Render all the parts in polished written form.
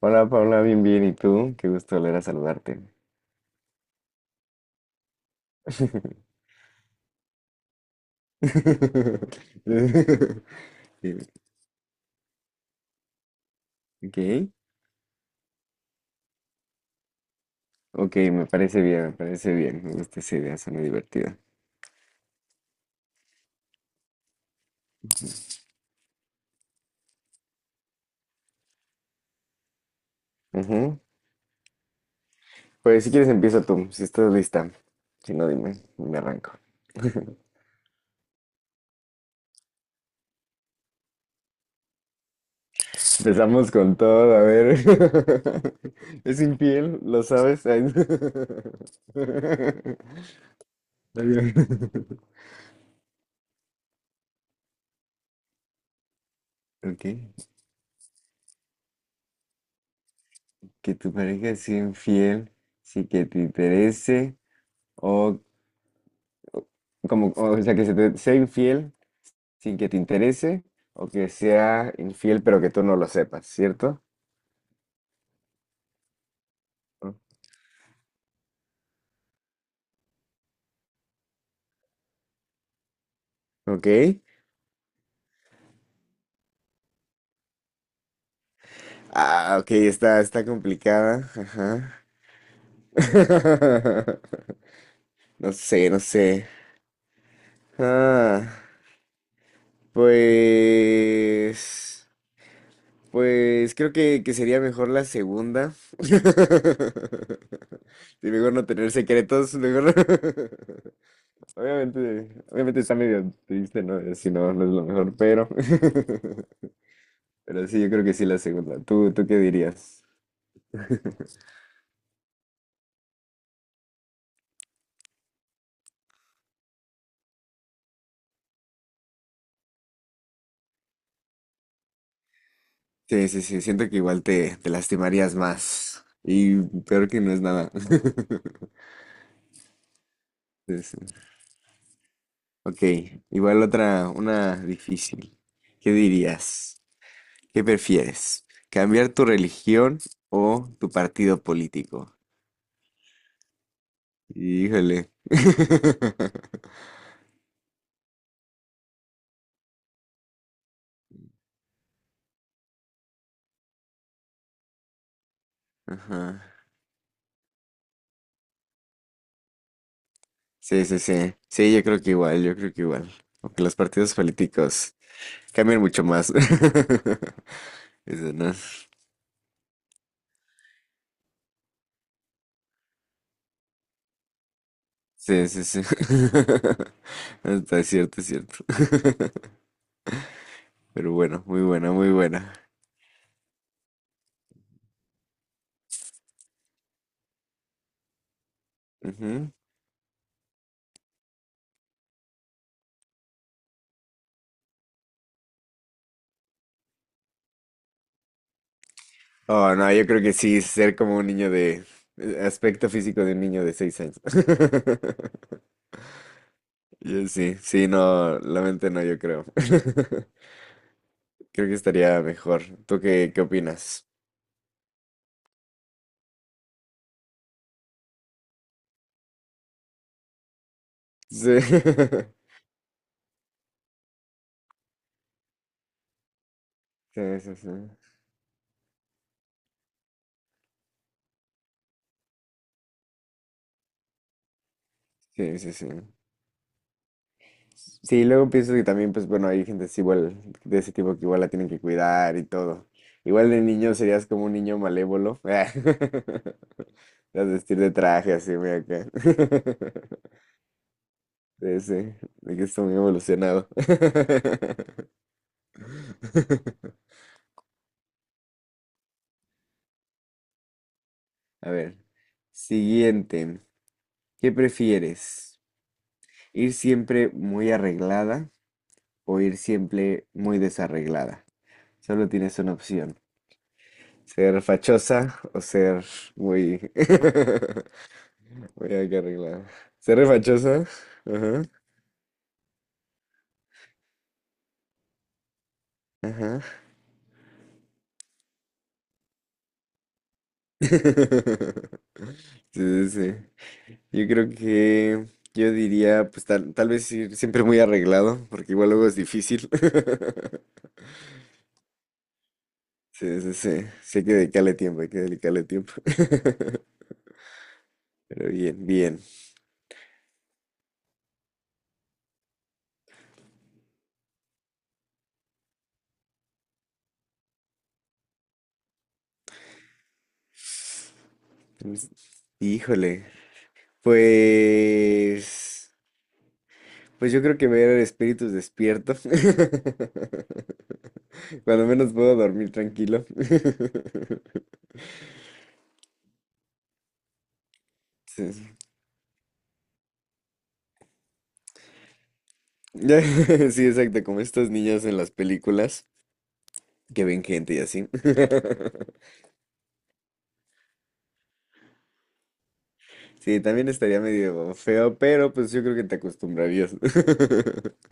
Hola Paula, bien, bien. ¿Y tú? Qué gusto volver a saludarte. Dime. Ok, ok, me parece bien, me parece bien. Me gusta esa idea, suena divertida. Ujú. Pues si quieres empieza tú, si estás lista. Si no, dime, me arranco. Empezamos con todo, a ver. Es infiel, ¿lo sabes? Ay, no. Está bien. Ok, que tu pareja sea infiel, sí que te interese. O Como, o sea, que se te sea infiel sin que te interese o que sea infiel pero que tú no lo sepas, ¿cierto? Ah. Ok. Ah, ok, está complicada. Ajá. No sé, no sé. Ah, pues, pues creo que sería mejor la segunda. Sí, mejor no tener secretos, mejor. Obviamente, obviamente está medio triste, ¿no? Si no, no es lo mejor, pero. Pero sí, yo creo que sí la segunda. ¿Tú qué dirías? Sí, sí, sí, siento que igual te lastimarías más. Y peor que no es nada. Sí, sí. Ok, igual otra, una difícil. ¿Qué dirías? ¿Qué prefieres? ¿Cambiar tu religión o tu partido político? Híjole. Ajá. Sí, sí, sí. Sí, yo creo que igual, yo creo que igual. Aunque los partidos políticos cambian mucho más. Eso, ¿no? Sí, sí, sí. Está es cierto, es cierto. Pero bueno, muy buena, muy buena. Ujú. Oh, no, yo creo que sí, ser como Aspecto físico de un niño de 6 años. Yo sí, sí, no, la mente no, yo creo. Creo que estaría mejor. ¿Tú qué opinas? Sí. Sí, sí, sí. Sí, sí, sí. Sí, luego pienso que también, pues bueno, hay gente así igual, de ese tipo que igual la tienen que cuidar y todo. Igual de niño serías como un niño malévolo. Las vestir de traje así, muy acá. Sí, sí, de que está muy evolucionado. A ver, siguiente. ¿Qué prefieres? ¿Ir siempre muy arreglada o ir siempre muy desarreglada? Solo tienes una opción. Ser fachosa o muy... muy a que arreglar. Ser re fachosa. Ajá. Ajá. Sí, sí, sí. Yo creo que yo diría, pues tal vez ir siempre muy arreglado, porque igual luego es difícil. Sí, sí, sí. Sí hay que dedicarle tiempo, hay que dedicarle tiempo. Pero bien, bien. Pues, Híjole. Pues... Pues yo creo que ver el espíritus despierto. Cuando menos puedo dormir tranquilo. Sí, sí, Sí, exacto, como estos niños en las películas que ven gente y así. Sí, también estaría medio feo, pero pues yo creo que te acostumbrarías.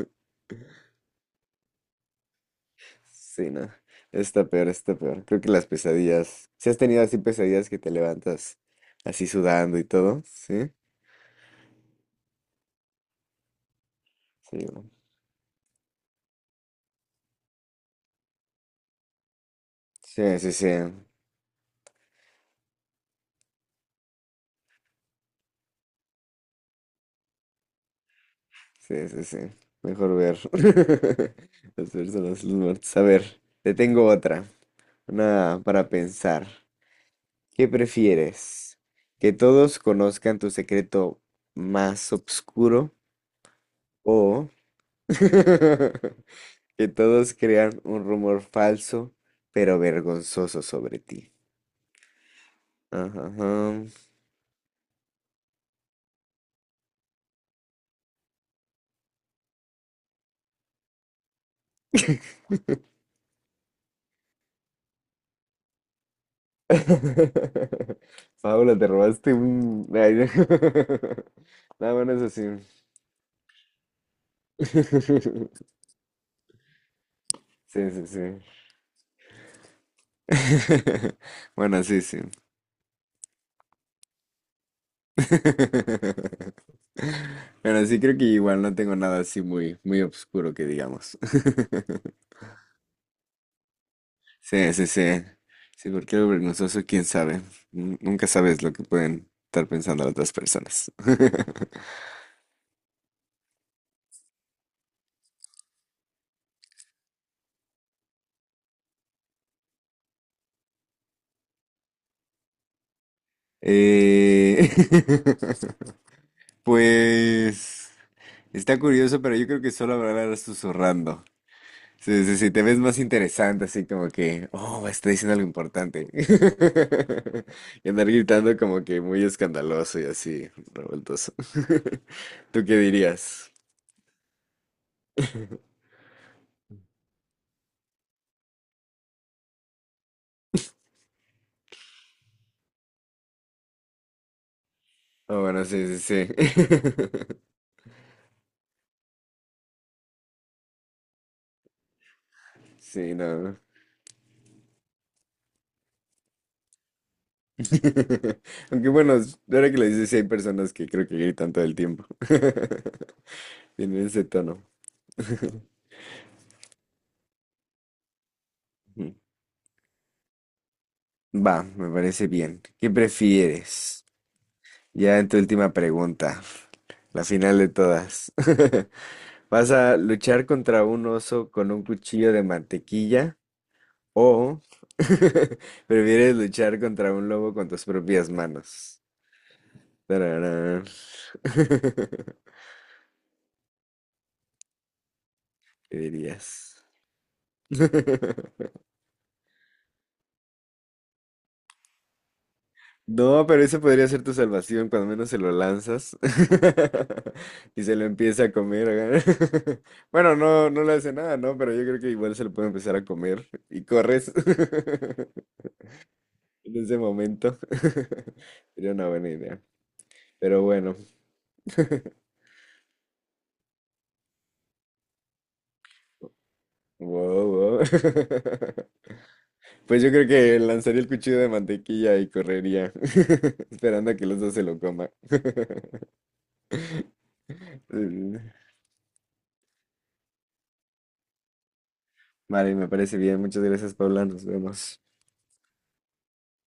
Sí, no. Está peor, está peor. Creo que las pesadillas. Si has tenido así pesadillas que te levantas así sudando y todo, ¿sí? Sí, bueno. Sí, sí, sí. Sí, sí, sí. Mejor ver las personas, los muertos. A ver, te tengo otra. Una para pensar. ¿Qué prefieres? ¿Que todos conozcan tu secreto más oscuro o que todos crean un rumor falso pero vergonzoso sobre ti? Ajá. Ajá. Paula, te robaste un— Ay, no. No, bueno, eso sí. Sí, sí, sí. Bueno, sí, sí. Bueno, sí creo que igual no tengo nada así muy, muy oscuro que digamos. Sí, sí, sí. Sí, porque lo vergonzoso, quién sabe. Nunca sabes lo que pueden estar pensando las otras personas. Eh, Pues está curioso, pero yo creo que solo hablarás susurrando. Sí, sí, sí, te ves más interesante, así como que, oh, está diciendo algo importante. Y andar gritando como que muy escandaloso y así, revoltoso. ¿Tú qué dirías? Oh, bueno, sí, sí, sí. Sí, no. Aunque bueno, ahora que lo dices, sí hay personas que creo que gritan todo el tiempo. Tienen ese tono. Ujú. Va, me parece bien. ¿Qué prefieres? Ya en tu última pregunta, la final de todas. ¿Vas a luchar contra un oso con un cuchillo de mantequilla o prefieres luchar contra un lobo con tus propias manos? Tararán. ¿Qué dirías? No, pero eso podría ser tu salvación cuando menos se lo lanzas y se lo empieza a comer, acá. Bueno, no, no le hace nada, ¿no? Pero yo creo que igual se lo puede empezar a comer y corres en ese momento. Sería una buena idea. Pero bueno, wow, wow. Pues yo creo que lanzaría el cuchillo de mantequilla y correría, esperando a que los dos se lo coma. Mm. Vale, me parece bien. Muchas gracias, Paula. Nos vemos.